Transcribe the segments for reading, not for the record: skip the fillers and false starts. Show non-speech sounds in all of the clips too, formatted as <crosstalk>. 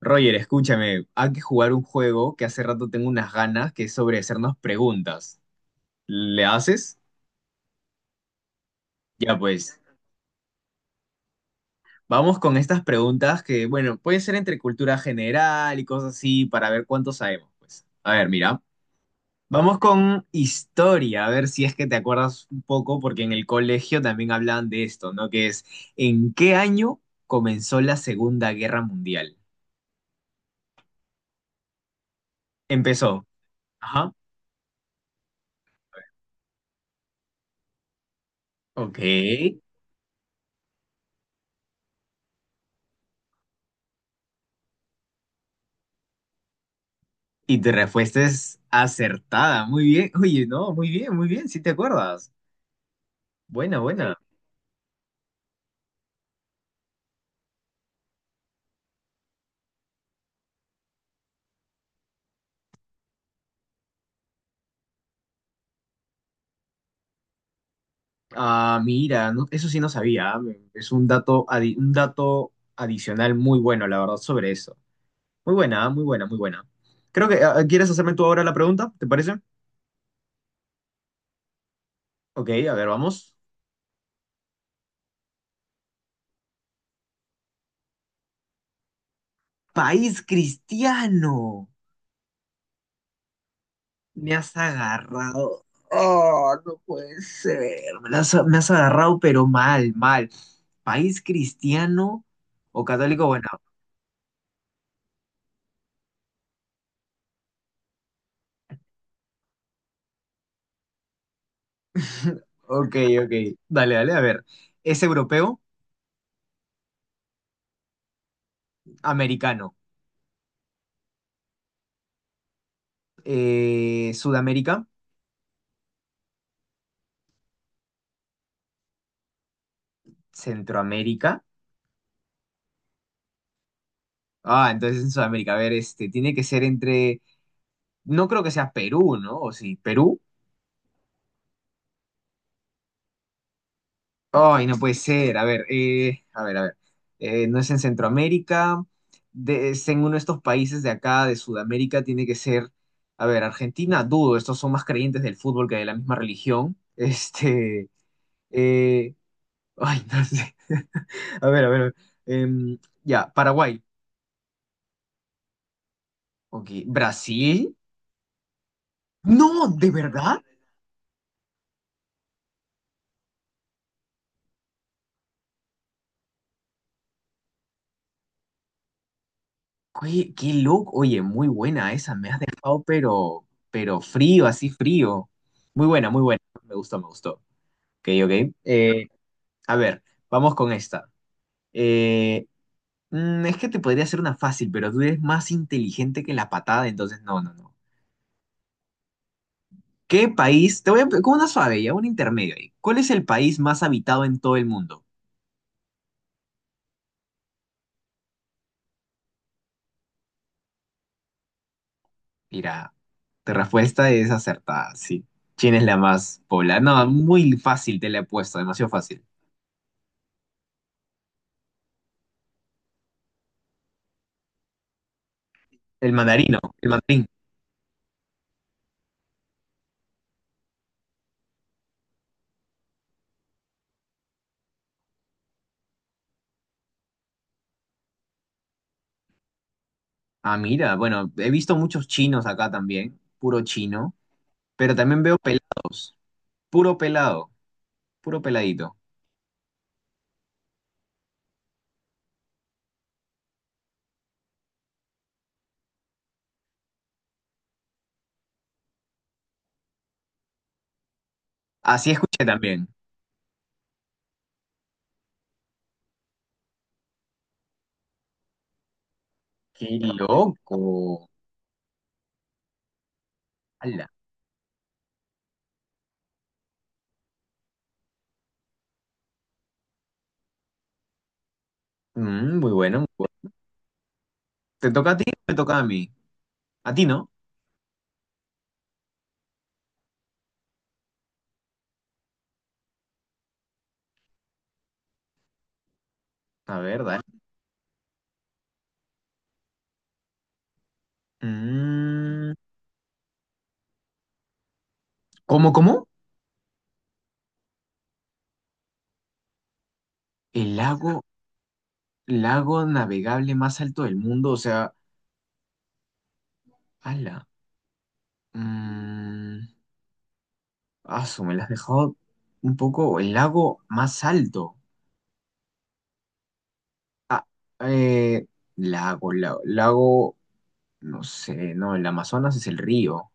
Roger, escúchame, hay que jugar un juego que hace rato tengo unas ganas, que es sobre hacernos preguntas. ¿Le haces? Ya pues, vamos con estas preguntas que, bueno, pueden ser entre cultura general y cosas así para ver cuánto sabemos, pues. A ver, mira, vamos con historia, a ver si es que te acuerdas un poco, porque en el colegio también hablaban de esto, ¿no? ¿En qué año comenzó la Segunda Guerra Mundial? Empezó. Ajá. Ok. Y tu respuesta es acertada. Muy bien. Oye, no, muy bien, muy bien. Sí te acuerdas. Buena, buena. Sí. Ah, mira, eso sí no sabía. Es un dato adicional muy bueno, la verdad, sobre eso. Muy buena, muy buena, muy buena. Creo que, ¿quieres hacerme tú ahora la pregunta? ¿Te parece? Ok, a ver, vamos. País cristiano. Me has agarrado. Oh, no puede ser. Me has agarrado, pero mal, mal. ¿País cristiano o católico? Bueno, <laughs> ok, ok. Dale, dale, a ver. ¿Es europeo? Americano. ¿Sudamérica? ¿Centroamérica? Ah, entonces en Sudamérica. A ver, este, tiene que ser entre. No creo que sea Perú, ¿no? ¿O sí? ¿Perú? Ay, no puede ser. A ver, a ver, a ver. No es en Centroamérica. Es en uno de estos países de acá, de Sudamérica, tiene que ser. A ver, Argentina, dudo. Estos son más creyentes del fútbol que de la misma religión. <laughs> Este. eh, Ay, no sé. <laughs> A ver, a ver. A ver. Ya, Paraguay. Ok. ¿Brasil? No, ¿de verdad? Oye, qué loco. Oye, muy buena esa. Me has dejado, pero frío, así frío. Muy buena, muy buena. Me gustó, me gustó. Ok, ok. A ver, vamos con esta. Eh, es que te podría hacer una fácil, pero tú eres más inteligente que la patada, entonces no, no, no. ¿Qué país? Te voy a con una suave ya, un intermedio ahí. ¿Cuál es el país más habitado en todo el mundo? Mira, tu respuesta es acertada, sí. China es la más poblada. No, muy fácil te la he puesto, demasiado fácil. El mandarín. Ah, mira, bueno, he visto muchos chinos acá también, puro chino, pero también veo pelados, puro pelado, puro peladito. Así escuché también. Qué loco. Ala. Muy bueno, muy bueno. ¿Te toca a ti o me toca a mí? A ti no. A ver, dale. Mm, ¿Cómo, cómo? El lago navegable más alto del mundo. O sea, ala. Mm, Asu, me la has dejado un poco. El lago más alto. Ah, eh, lago, lago, lago. No sé, no, el Amazonas es el río.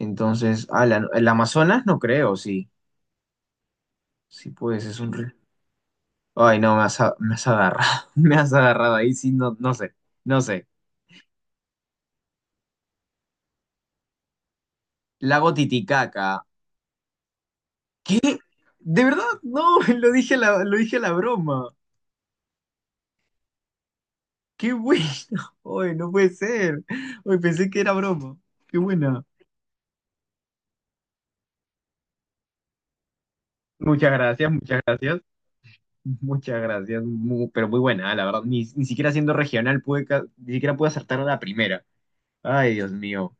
Entonces, ala, no, el Amazonas no creo, sí. Sí, pues. Ay, no, me has agarrado. <laughs> Me has agarrado ahí, sí, no, no sé. No sé. Lago Titicaca. ¿Qué? ¿De verdad? No, <laughs> lo dije a la broma. ¡Qué bueno! <laughs> Ay, no puede ser. Ay, pensé que era broma. ¡Qué buena! Muchas gracias, muchas gracias. Muchas gracias. Pero muy buena, la verdad. Ni siquiera siendo regional pude, ca- ni siquiera pude acertar a la primera. Ay, Dios mío.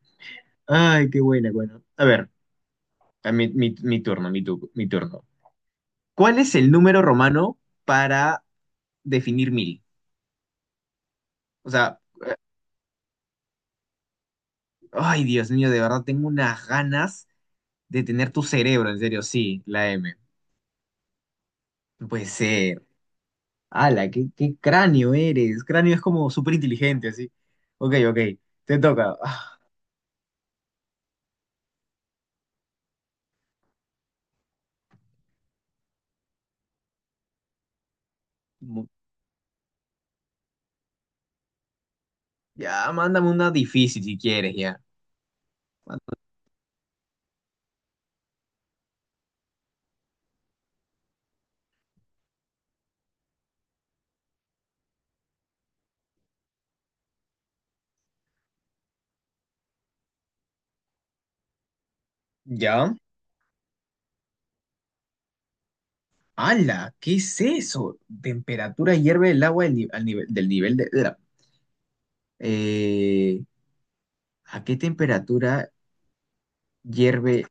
Ay, qué buena, bueno. A ver, a mi, mi, mi turno, mi, tu- mi turno. ¿Cuál es el número romano para definir 1000? O sea, ay, Dios mío, de verdad tengo unas ganas de tener tu cerebro, en serio, sí, la M. No puede ser. Ala, qué cráneo eres. Cráneo es como súper inteligente, así. Ok, ok, te toca. Mu- Ya, mándame una difícil si quieres, ya. ¿Ya? Ala, ¿qué es eso? Temperatura hierve el agua del ni- al nivel. Del nivel de la- Eh, ¿A qué temperatura hierve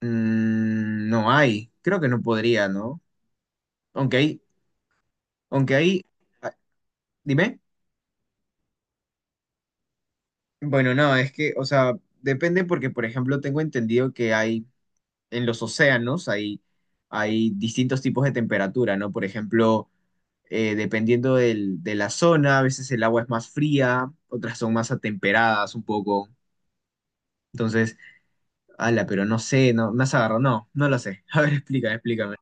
No hay, creo que no podría, ¿no? Aunque hay, aunque hay, ah, Dime. Bueno, no, es que, o sea, depende porque, por ejemplo, tengo entendido en los océanos hay distintos tipos de temperatura, ¿no? Por ejemplo, dependiendo de la zona, a veces el agua es más fría, otras son más atemperadas un poco. Entonces, ala, pero no sé, no, me has agarrado, no, no lo sé. <laughs> A ver, explícame, explícame.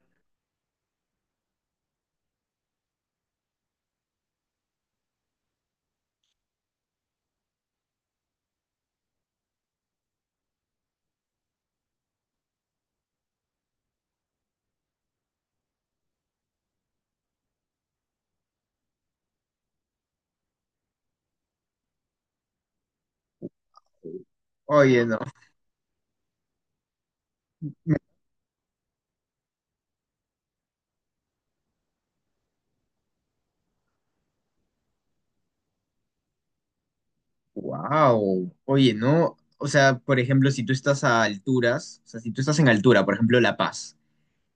Oye, no. Wow. Oye, ¿no? O sea, por ejemplo, si tú estás a alturas, o sea, si tú estás en altura, por ejemplo, La Paz,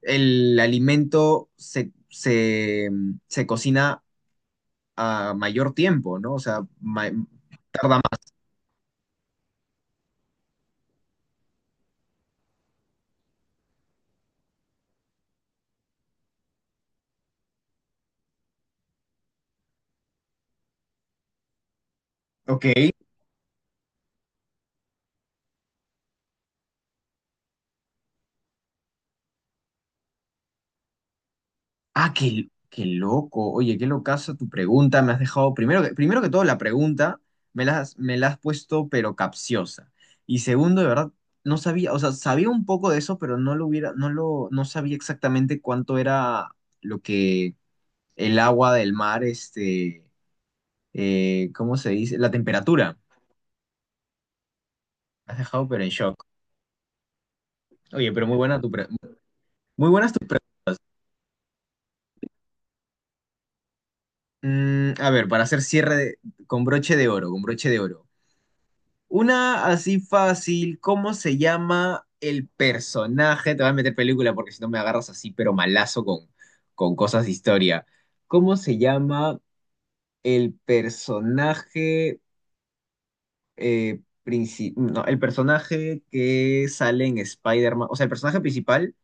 el alimento se cocina a mayor tiempo, ¿no? O sea, ok. Ah, qué loco. Oye, qué locazo tu pregunta. Me has dejado, primero que todo, la pregunta me la has puesto, pero capciosa. Y segundo, de verdad, no sabía, o sea, sabía un poco de eso, pero no lo hubiera, no lo, no sabía exactamente cuánto era lo que el agua del mar, este, ¿cómo se dice? La temperatura. Me has dejado pero en shock. Oye, pero muy buenas tus preguntas. A ver, para hacer con broche de oro, con broche de oro. Una así fácil, ¿cómo se llama el personaje? Te voy a meter película porque si no me agarras así, pero malazo con, cosas de historia. ¿Cómo se llama el personaje? Princi- no, el personaje que sale en Spider-Man, o sea, el personaje principal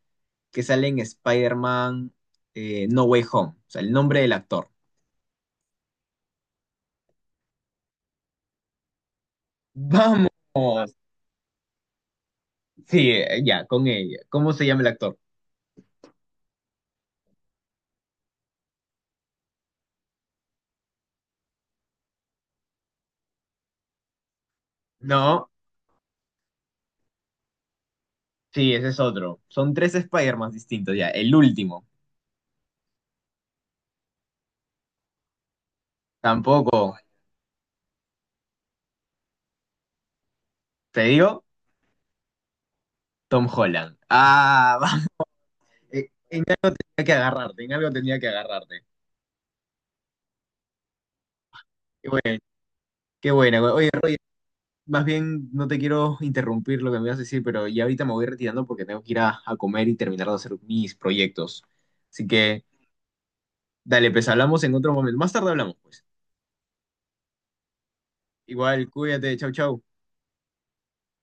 que sale en Spider-Man No Way Home, o sea, el nombre del actor. <laughs> Vamos, sí, ya, con ella. ¿Cómo se llama el actor? No, sí, ese es otro. Son tres Spider-Man distintos, ya. El último, tampoco. Te digo, Tom Holland. Ah, <laughs> vamos. Eh, En, en algo tenía que agarrarte. Qué bueno, qué bueno. Oye, Roger, más bien no te quiero interrumpir lo que me ibas a decir, pero ya ahorita me voy retirando porque tengo que ir a comer y terminar de hacer mis proyectos. Así que, dale, pues hablamos en otro momento. Más tarde hablamos, pues. Igual, cuídate, chau, chau.